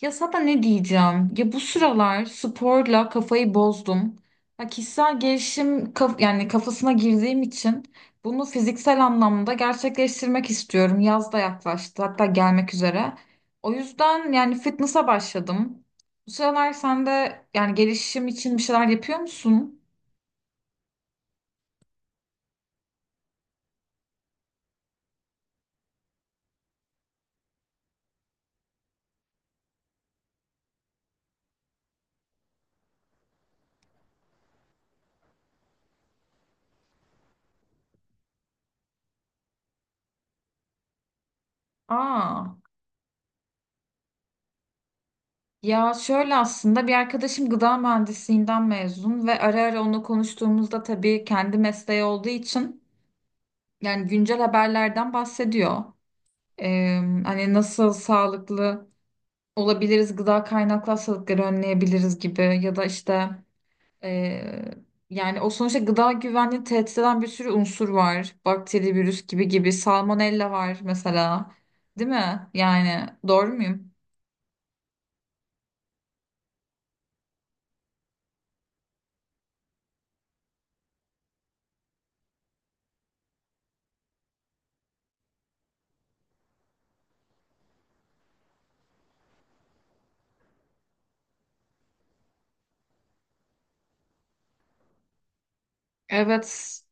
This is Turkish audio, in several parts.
Ya sana ne diyeceğim? Ya bu sıralar sporla kafayı bozdum. Ya kişisel gelişim yani kafasına girdiğim için bunu fiziksel anlamda gerçekleştirmek istiyorum. Yaz da yaklaştı, hatta gelmek üzere. O yüzden yani fitness'a başladım. Bu sıralar sen de yani gelişim için bir şeyler yapıyor musun? Aa, ya şöyle aslında bir arkadaşım gıda mühendisliğinden mezun ve ara ara onunla konuştuğumuzda tabii kendi mesleği olduğu için yani güncel haberlerden bahsediyor. Ee, hani nasıl sağlıklı olabiliriz, gıda kaynaklı hastalıkları önleyebiliriz gibi ya da işte. Ee, yani o sonuçta gıda güvenliğini tehdit eden bir sürü unsur var. Bakteri, virüs gibi gibi. Salmonella var mesela. Değil mi? Yani doğru muyum? Evet.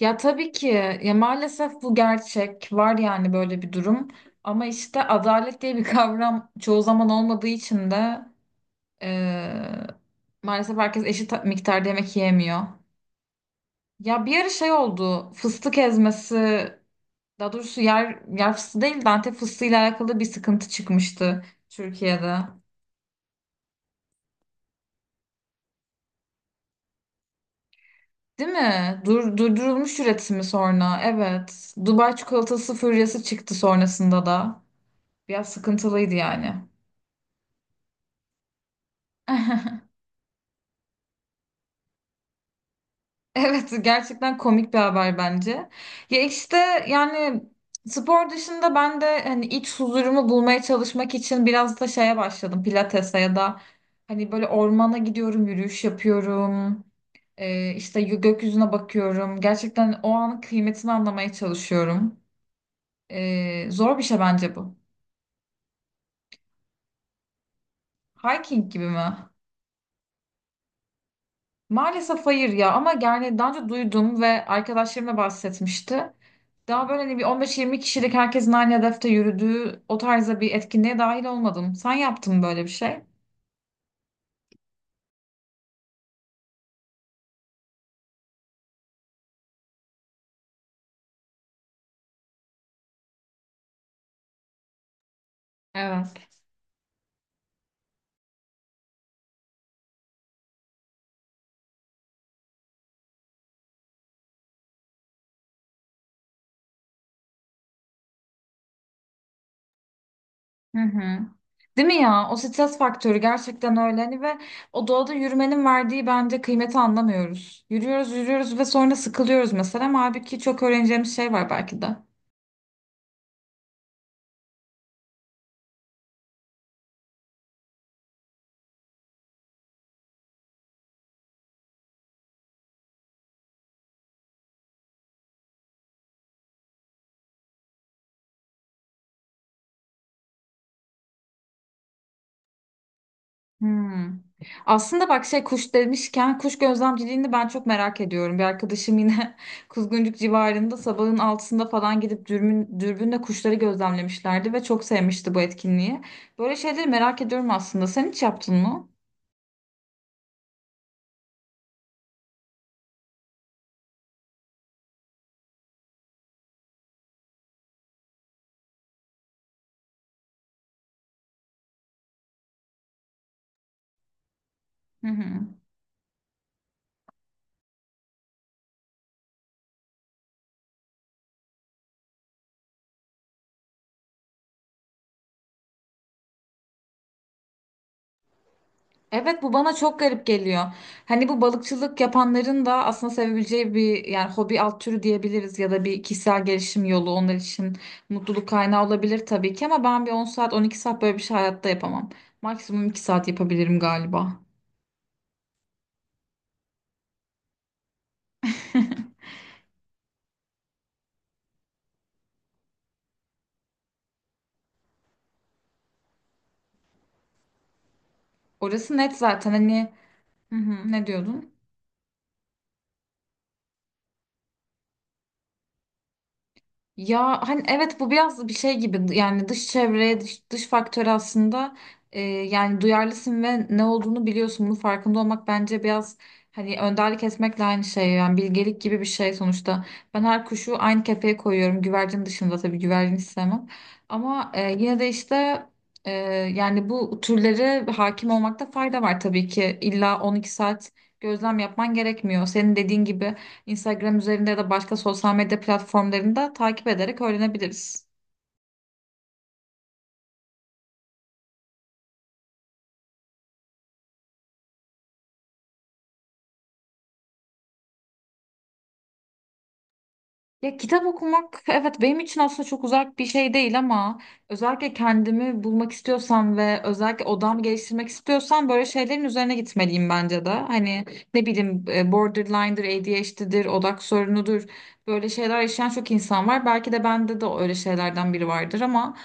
Ya tabii ki ya maalesef bu gerçek var yani böyle bir durum. Ama işte adalet diye bir kavram çoğu zaman olmadığı için de, Ee, maalesef herkes eşit miktarda yemek yiyemiyor. Ya bir ara şey oldu. Fıstık ezmesi, daha doğrusu yer yer fıstığı değil de Antep fıstığıyla alakalı bir sıkıntı çıkmıştı Türkiye'de. Değil mi? Dur, durdurulmuş üretimi sonra. Evet. Dubai çikolatası furyası çıktı sonrasında da. Biraz sıkıntılıydı yani. Evet, gerçekten komik bir haber bence. Ya işte yani spor dışında ben de hani iç huzurumu bulmaya çalışmak için biraz da şeye başladım, pilatese ya da hani böyle ormana gidiyorum, yürüyüş yapıyorum. Gökyüzüne bakıyorum, gerçekten o anın kıymetini anlamaya çalışıyorum. Zor bir şey bence bu. Hiking gibi mi? Maalesef hayır ya, ama yani daha önce duydum ve arkadaşlarım da bahsetmişti. Daha böyle hani bir 15-20 kişilik herkesin aynı hedefte yürüdüğü o tarzda bir etkinliğe dahil olmadım. Sen yaptın mı böyle bir şey? Evet. Hı hı. Değil mi ya? O stres faktörü gerçekten öyle hani, ve o doğada yürümenin verdiği bence kıymeti anlamıyoruz. Yürüyoruz, yürüyoruz ve sonra sıkılıyoruz mesela. Ama halbuki çok öğreneceğimiz şey var belki de. Hmm. Aslında bak şey, kuş demişken kuş gözlemciliğini ben çok merak ediyorum. Bir arkadaşım yine Kuzguncuk civarında sabahın altısında falan gidip dürbünle kuşları gözlemlemişlerdi ve çok sevmişti bu etkinliği. Böyle şeyleri merak ediyorum aslında. Sen hiç yaptın mı? Hı hı. Evet, bu bana çok garip geliyor. Hani bu balıkçılık yapanların da aslında sevebileceği bir yani hobi alt türü diyebiliriz ya da bir kişisel gelişim yolu, onlar için mutluluk kaynağı olabilir tabii ki, ama ben bir 10 saat 12 saat böyle bir şey hayatta yapamam. Maksimum 2 saat yapabilirim galiba. Orası net zaten hani. Hı hı, ne diyordun? Ya hani evet, bu biraz bir şey gibi yani dış çevreye dış faktör aslında, yani duyarlısın ve ne olduğunu biliyorsun, bunun farkında olmak bence biraz hani önderlik etmekle aynı şey, yani bilgelik gibi bir şey sonuçta. Ben her kuşu aynı kefeye koyuyorum, güvercin dışında tabii, güvercin istemem, ama yine de işte e, yani bu türlere hakim olmakta fayda var. Tabii ki illa 12 saat gözlem yapman gerekmiyor, senin dediğin gibi Instagram üzerinde ya da başka sosyal medya platformlarında takip ederek öğrenebiliriz. Ya kitap okumak, evet, benim için aslında çok uzak bir şey değil, ama özellikle kendimi bulmak istiyorsam ve özellikle odamı geliştirmek istiyorsam, böyle şeylerin üzerine gitmeliyim bence de. Hani ne bileyim, borderline'dır, ADHD'dir, odak sorunudur. Böyle şeyler yaşayan çok insan var. Belki de bende de öyle şeylerden biri vardır, ama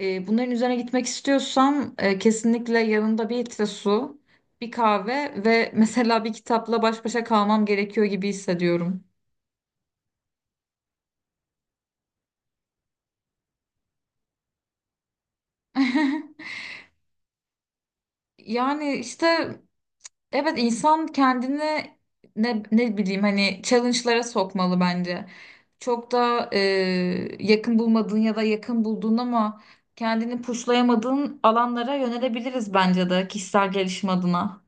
bunların üzerine gitmek istiyorsam, kesinlikle yanımda bir litre su, bir kahve ve mesela bir kitapla baş başa kalmam gerekiyor gibi hissediyorum. Yani işte, evet, insan kendini ne bileyim hani challenge'lara sokmalı bence. Çok da yakın bulmadığın ya da yakın bulduğun ama kendini pushlayamadığın alanlara yönelebiliriz bence de kişisel gelişim adına.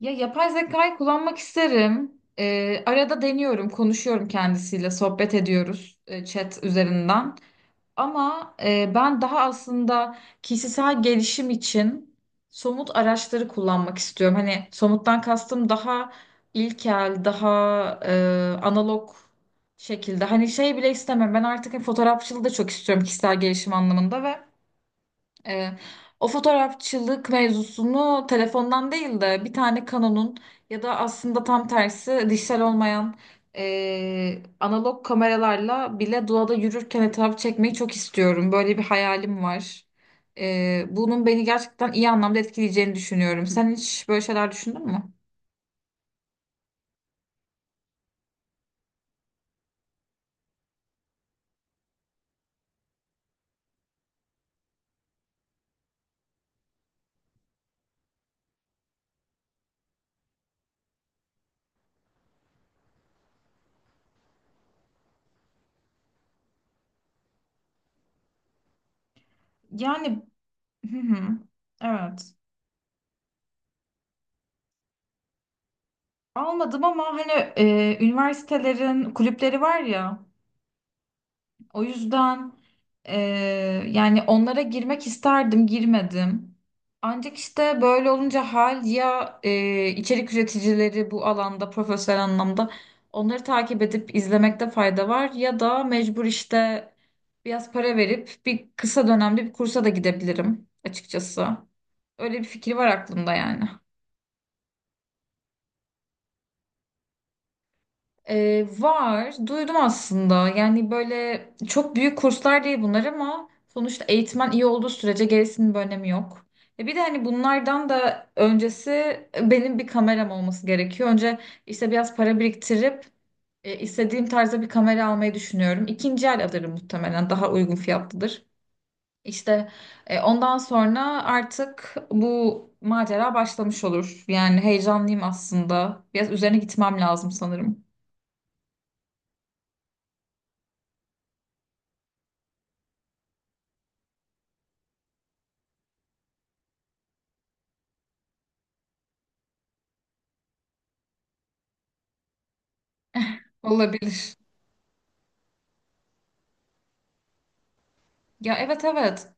Ya yapay zekayı kullanmak isterim. Arada deniyorum, konuşuyorum kendisiyle, sohbet ediyoruz chat üzerinden. Ama ben daha aslında kişisel gelişim için somut araçları kullanmak istiyorum. Hani somuttan kastım daha ilkel, daha analog şekilde. Hani şey bile istemem. Ben artık hani fotoğrafçılığı da çok istiyorum kişisel gelişim anlamında ve ee, o fotoğrafçılık mevzusunu telefondan değil de bir tane Canon'un ya da aslında tam tersi dijital olmayan analog kameralarla bile doğada yürürken etrafı çekmeyi çok istiyorum. Böyle bir hayalim var. Bunun beni gerçekten iyi anlamda etkileyeceğini düşünüyorum. Sen hiç böyle şeyler düşündün mü? Yani, hı hı, evet. Almadım ama hani üniversitelerin kulüpleri var ya. O yüzden e, yani onlara girmek isterdim, girmedim. Ancak işte böyle olunca ya içerik üreticileri bu alanda profesyonel anlamda, onları takip edip izlemekte fayda var, ya da mecbur işte biraz para verip bir kısa dönemli bir kursa da gidebilirim açıkçası. Öyle bir fikir var aklımda yani. Var. Duydum aslında. Yani böyle çok büyük kurslar değil bunlar, ama sonuçta eğitmen iyi olduğu sürece gerisinin bir önemi yok. Bir de hani bunlardan da öncesi benim bir kameram olması gerekiyor. Önce işte biraz para biriktirip istediğim tarzda bir kamera almayı düşünüyorum. İkinci el alırım muhtemelen. Daha uygun fiyatlıdır. İşte ondan sonra artık bu macera başlamış olur. Yani heyecanlıyım aslında. Biraz üzerine gitmem lazım sanırım. Olabilir. Ya evet, evet.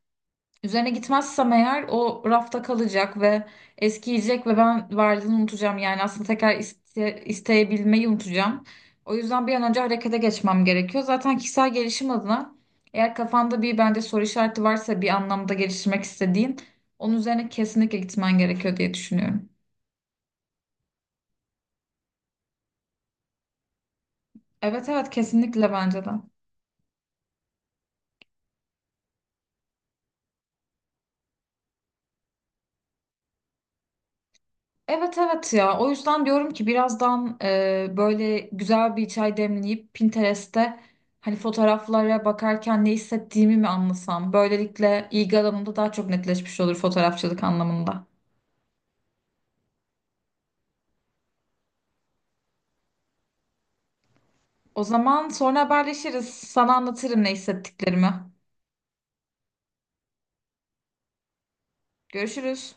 Üzerine gitmezsem eğer, o rafta kalacak ve eskiyecek ve ben varlığını unutacağım. Yani aslında tekrar isteyebilmeyi unutacağım. O yüzden bir an önce harekete geçmem gerekiyor. Zaten kişisel gelişim adına, eğer kafanda bir bence soru işareti varsa bir anlamda geliştirmek istediğin, onun üzerine kesinlikle gitmen gerekiyor diye düşünüyorum. Evet, evet, kesinlikle bence de. Evet, evet, ya o yüzden diyorum ki, birazdan böyle güzel bir çay demleyip Pinterest'te hani fotoğraflara bakarken ne hissettiğimi mi anlasam. Böylelikle ilgi alanımda daha çok netleşmiş olur fotoğrafçılık anlamında. O zaman sonra haberleşiriz. Sana anlatırım ne hissettiklerimi. Görüşürüz.